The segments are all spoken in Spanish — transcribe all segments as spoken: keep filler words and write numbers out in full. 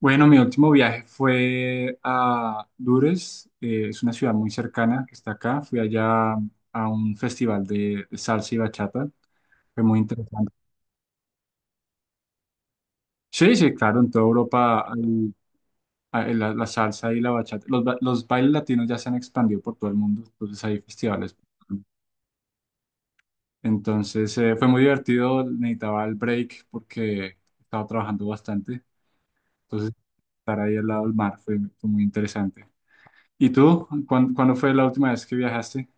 Bueno, mi último viaje fue a Dures, eh, es una ciudad muy cercana que está acá. Fui allá a un festival de, de salsa y bachata, fue muy interesante. Sí, sí, claro, en toda Europa hay- hay la, la salsa y la bachata. Los, ba- los bailes latinos ya se han expandido por todo el mundo, entonces hay festivales. Entonces eh, fue muy divertido, necesitaba el break porque estaba trabajando bastante, entonces estar ahí al lado del mar fue, fue muy interesante. ¿Y tú? ¿Cuán- ¿Cuándo fue la última vez que viajaste?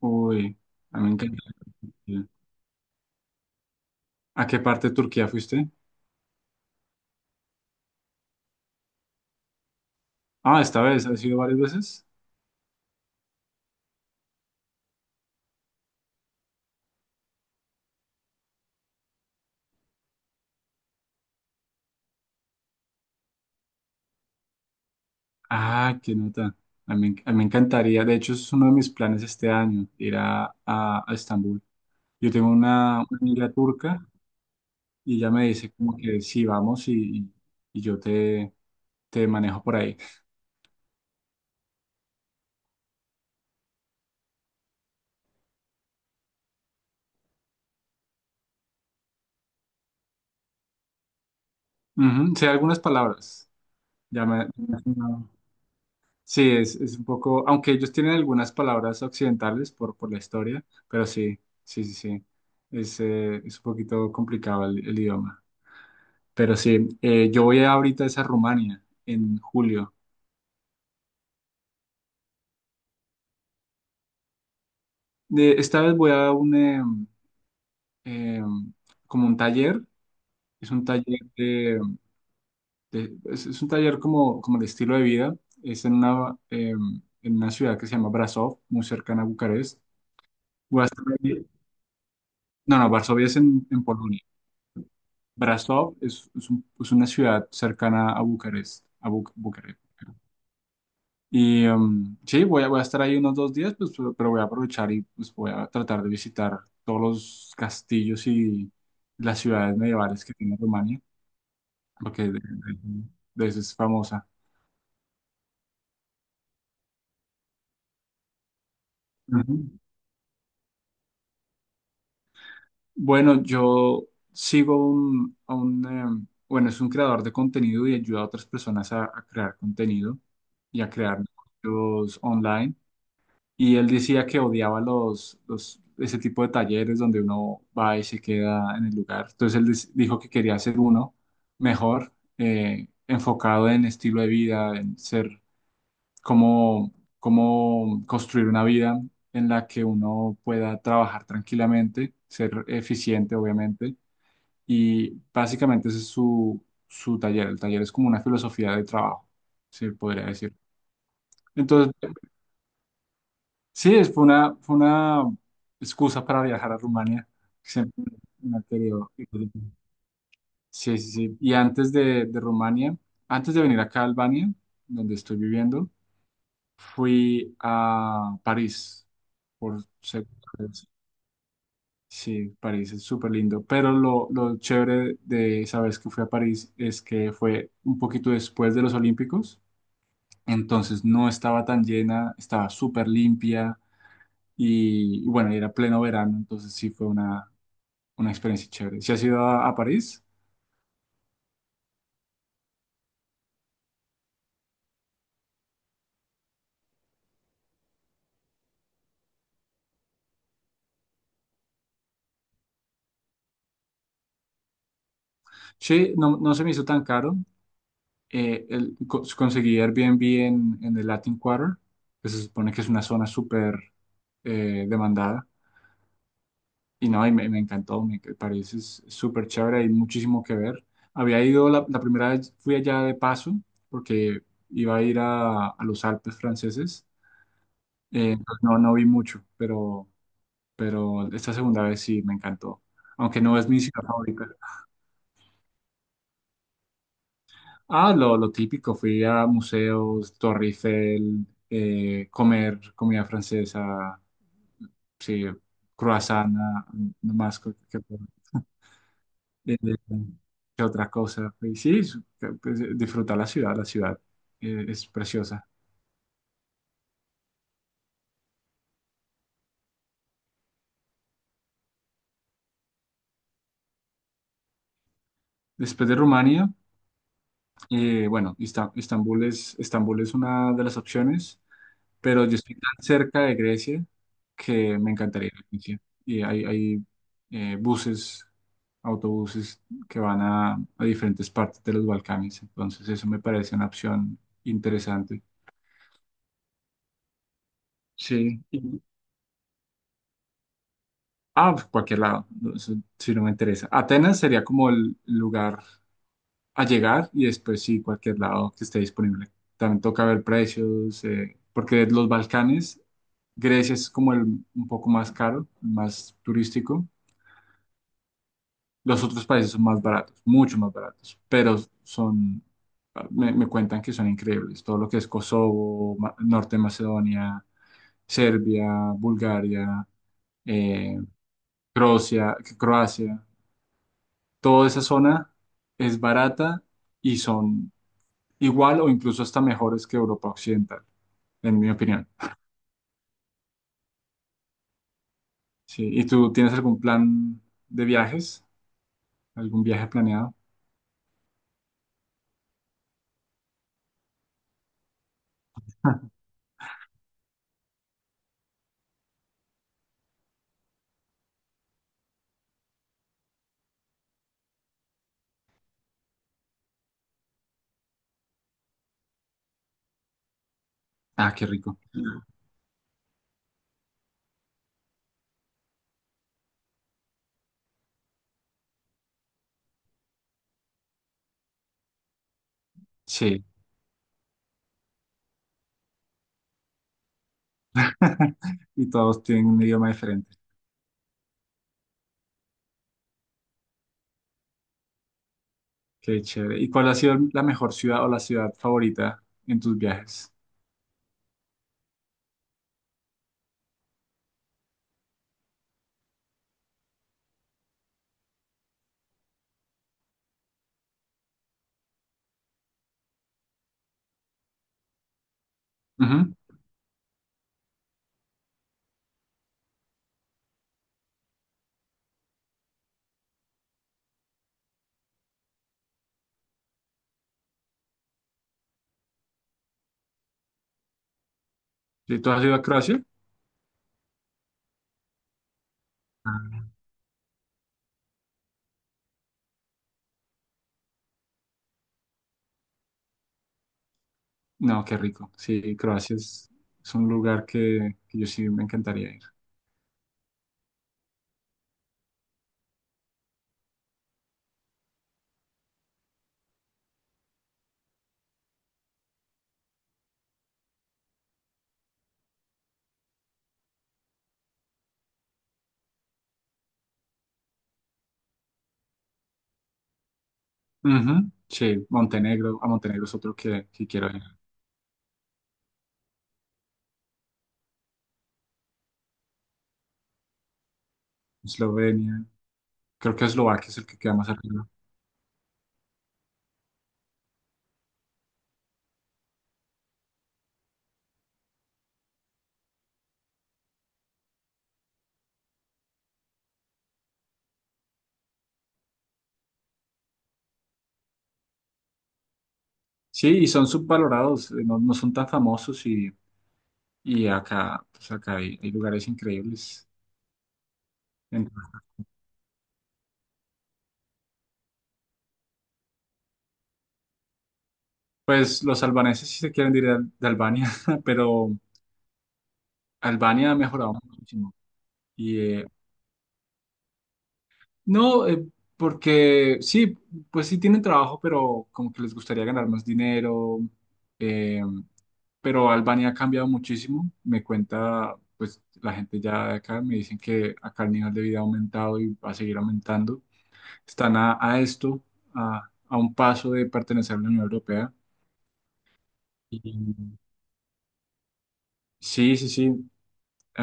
Uy, a mí me encanta Turquía. ¿A qué parte de Turquía fuiste? Ah, esta vez, ¿has ido varias veces? Ah, qué nota. A mí, a mí me encantaría, de hecho, es uno de mis planes este año, ir a, a, a Estambul. Yo tengo una, una amiga turca y ella me dice como que sí, vamos y, y- y yo te, te manejo por ahí. Ujú. Sé algunas palabras. Ya me, Sí, es, es un poco, aunque ellos tienen algunas palabras occidentales por, por la historia, pero sí, sí, sí, sí, es, eh, es un poquito complicado el, el idioma. Pero sí, eh, yo voy ahorita es a Rumania en julio. De- esta vez voy a un, em, em, como un taller, es un taller de, de- es, es un taller como, como de estilo de vida, es en una, em, en una ciudad que se llama Brasov, muy cercana a Bucarest. Voy a estar ahí- No, no, Varsovia es en en Polonia. Brasov es, es un- es una ciudad cercana a Bucarest, a Bu- Bucarest. Y em, sí, voy a, voy a estar ahí unos dos días, pues, pero pero voy a aprovechar y pues, voy a tratar de visitar todos los castillos y las ciudades medievales que tiene Rumania, porque de, de- de eso es famosa. Ujú. Bueno, yo sigo un, a un, em, bueno, es un creador de contenido y ayuda a otras personas a, a crear contenido y a crear negocios online. Y él decía que odiaba los, los, ese tipo de talleres donde uno va y se queda en el lugar. Entonces él dis- dijo que quería hacer uno mejor, eh, enfocado en estilo de vida, en ser cómo, cómo construir una vida en la que uno pueda trabajar tranquilamente, ser eficiente, obviamente. Y básicamente ese es su, su taller. El taller es como una filosofía de trabajo, se podría decir. Entonces, sí, es- fue una, fue una excusa para viajar a Rumania. Que siempre me ha querido ir. Sí, sí, sí. Y antes de, de Rumania, antes de venir acá a Albania, donde estoy viviendo, fui a París por segunda vez. Sí, París es súper lindo. Pero lo, lo chévere de esa vez que fui a París es que fue un poquito después de los Olímpicos. Entonces no estaba tan llena, estaba súper limpia. Y, y bueno, y era pleno verano, entonces sí fue una, una experiencia chévere. ¿Si has ido a, a París? Sí, no, no se me hizo tan caro. Eh, el- co- conseguí Airbnb en, en el Latin Quarter, que se supone que es una zona súper eh, demandada. Y no, y me, me encantó, me, enc- París es súper chévere, hay muchísimo que ver. Había ido la, la primera vez, fui allá de paso, porque iba a ir a, a los Alpes franceses. Eh, entonces no, no vi mucho, pero pero esta segunda vez sí me encantó, aunque no es mi ciudad favorita. Ah, lo, lo típico, fui a museos, Torre Eiffel, eh, comer comida francesa, sí, croissant, ah, no más que, que- eh, que otra cosa. Y sí, es- pues, disfrutar la ciudad, la ciudad eh, es preciosa. Después de Rumania, eh, bueno, Ista- Istambul es, Estambul es una de las opciones. Pero yo estoy tan cerca de Grecia que me encantaría ir a Grecia. Y hay, hay eh, buses, autobuses que van a, a diferentes partes de los Balcanes, entonces eso me parece una opción interesante. Sí. Y- Ah, pues, cualquier lado, no, eso sí no me interesa. Atenas sería como el lugar a llegar y después sí, cualquier lado que esté disponible. También toca ver precios, eh, porque los Balcanes, Grecia es como el un poco más caro, más turístico. Los otros países son más baratos, mucho más baratos, pero son, me, me cuentan que son increíbles. Todo lo que es Kosovo, Ma- Norte de Macedonia, Serbia, Bulgaria, eh, Croacia, Croacia, toda esa zona es barata y son igual o incluso hasta mejores que Europa Occidental, en mi opinión. Sí, ¿y tú tienes algún plan de viajes? ¿Algún viaje planeado? Ah, qué rico. Sí. Y todos tienen un idioma diferente. Qué chévere. ¿Y cuál ha sido la mejor ciudad o la ciudad favorita en tus viajes? Ujú. ¿Sí, tú has ido a Croacia? Ah. No, qué rico. Sí, Croacia es, es un lugar que, que yo sí me encantaría ir. Ujú. Sí, Montenegro. A Montenegro es otro que, que quiero ir. Eslovenia. Creo que Eslovaquia es el que queda más arriba. Sí, y son subvalorados, eh, no, no son tan famosos y, y acá, pues acá hay, hay lugares increíbles. Entonces, pues los albaneses sí se quieren ir de, de Albania, pero Albania ha mejorado muchísimo. Y eh, no, eh, porque sí, pues sí tienen trabajo, pero como que les gustaría ganar más dinero. Eh, pero Albania ha cambiado muchísimo. Me cuenta, pues la gente ya de acá me dicen que acá el nivel de vida ha aumentado y va a seguir aumentando, están a, a esto, a, a un paso de pertenecer a la Unión Europea. Y- Sí, sí, sí, eh,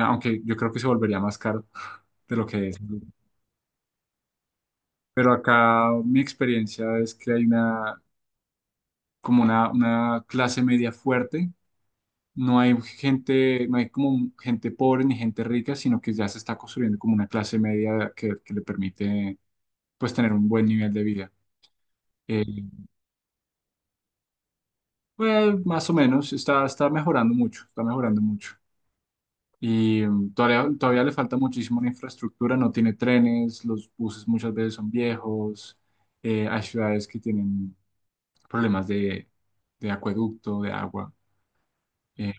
aunque yo creo que se volvería más caro de lo que es. Pero acá mi experiencia es que hay una, como una, una clase media fuerte. No hay gente, no hay como gente pobre ni gente rica, sino que ya se está construyendo como una clase media que, que le permite pues tener un buen nivel de vida. Eh, pues más o menos, está, está mejorando mucho, está mejorando mucho. Y mm, todavía, todavía le falta muchísimo la infraestructura, no tiene trenes, los buses muchas veces son viejos, eh, hay ciudades que tienen problemas de, de acueducto, de agua, eh,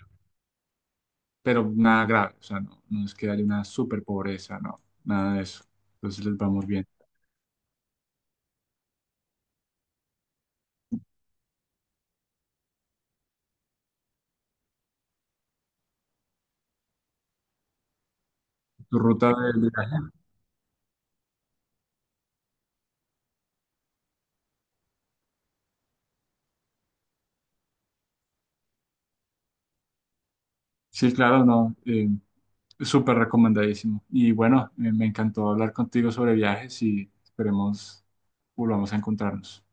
pero nada grave, o sea, no, no es que haya una super pobreza, no, nada de eso. Entonces les vamos bien. ¿Tu ruta de de viaje? Sí, claro, no, eh, súper recomendadísimo. Y bueno, eh, me encantó hablar contigo sobre viajes y esperemos volvamos a encontrarnos.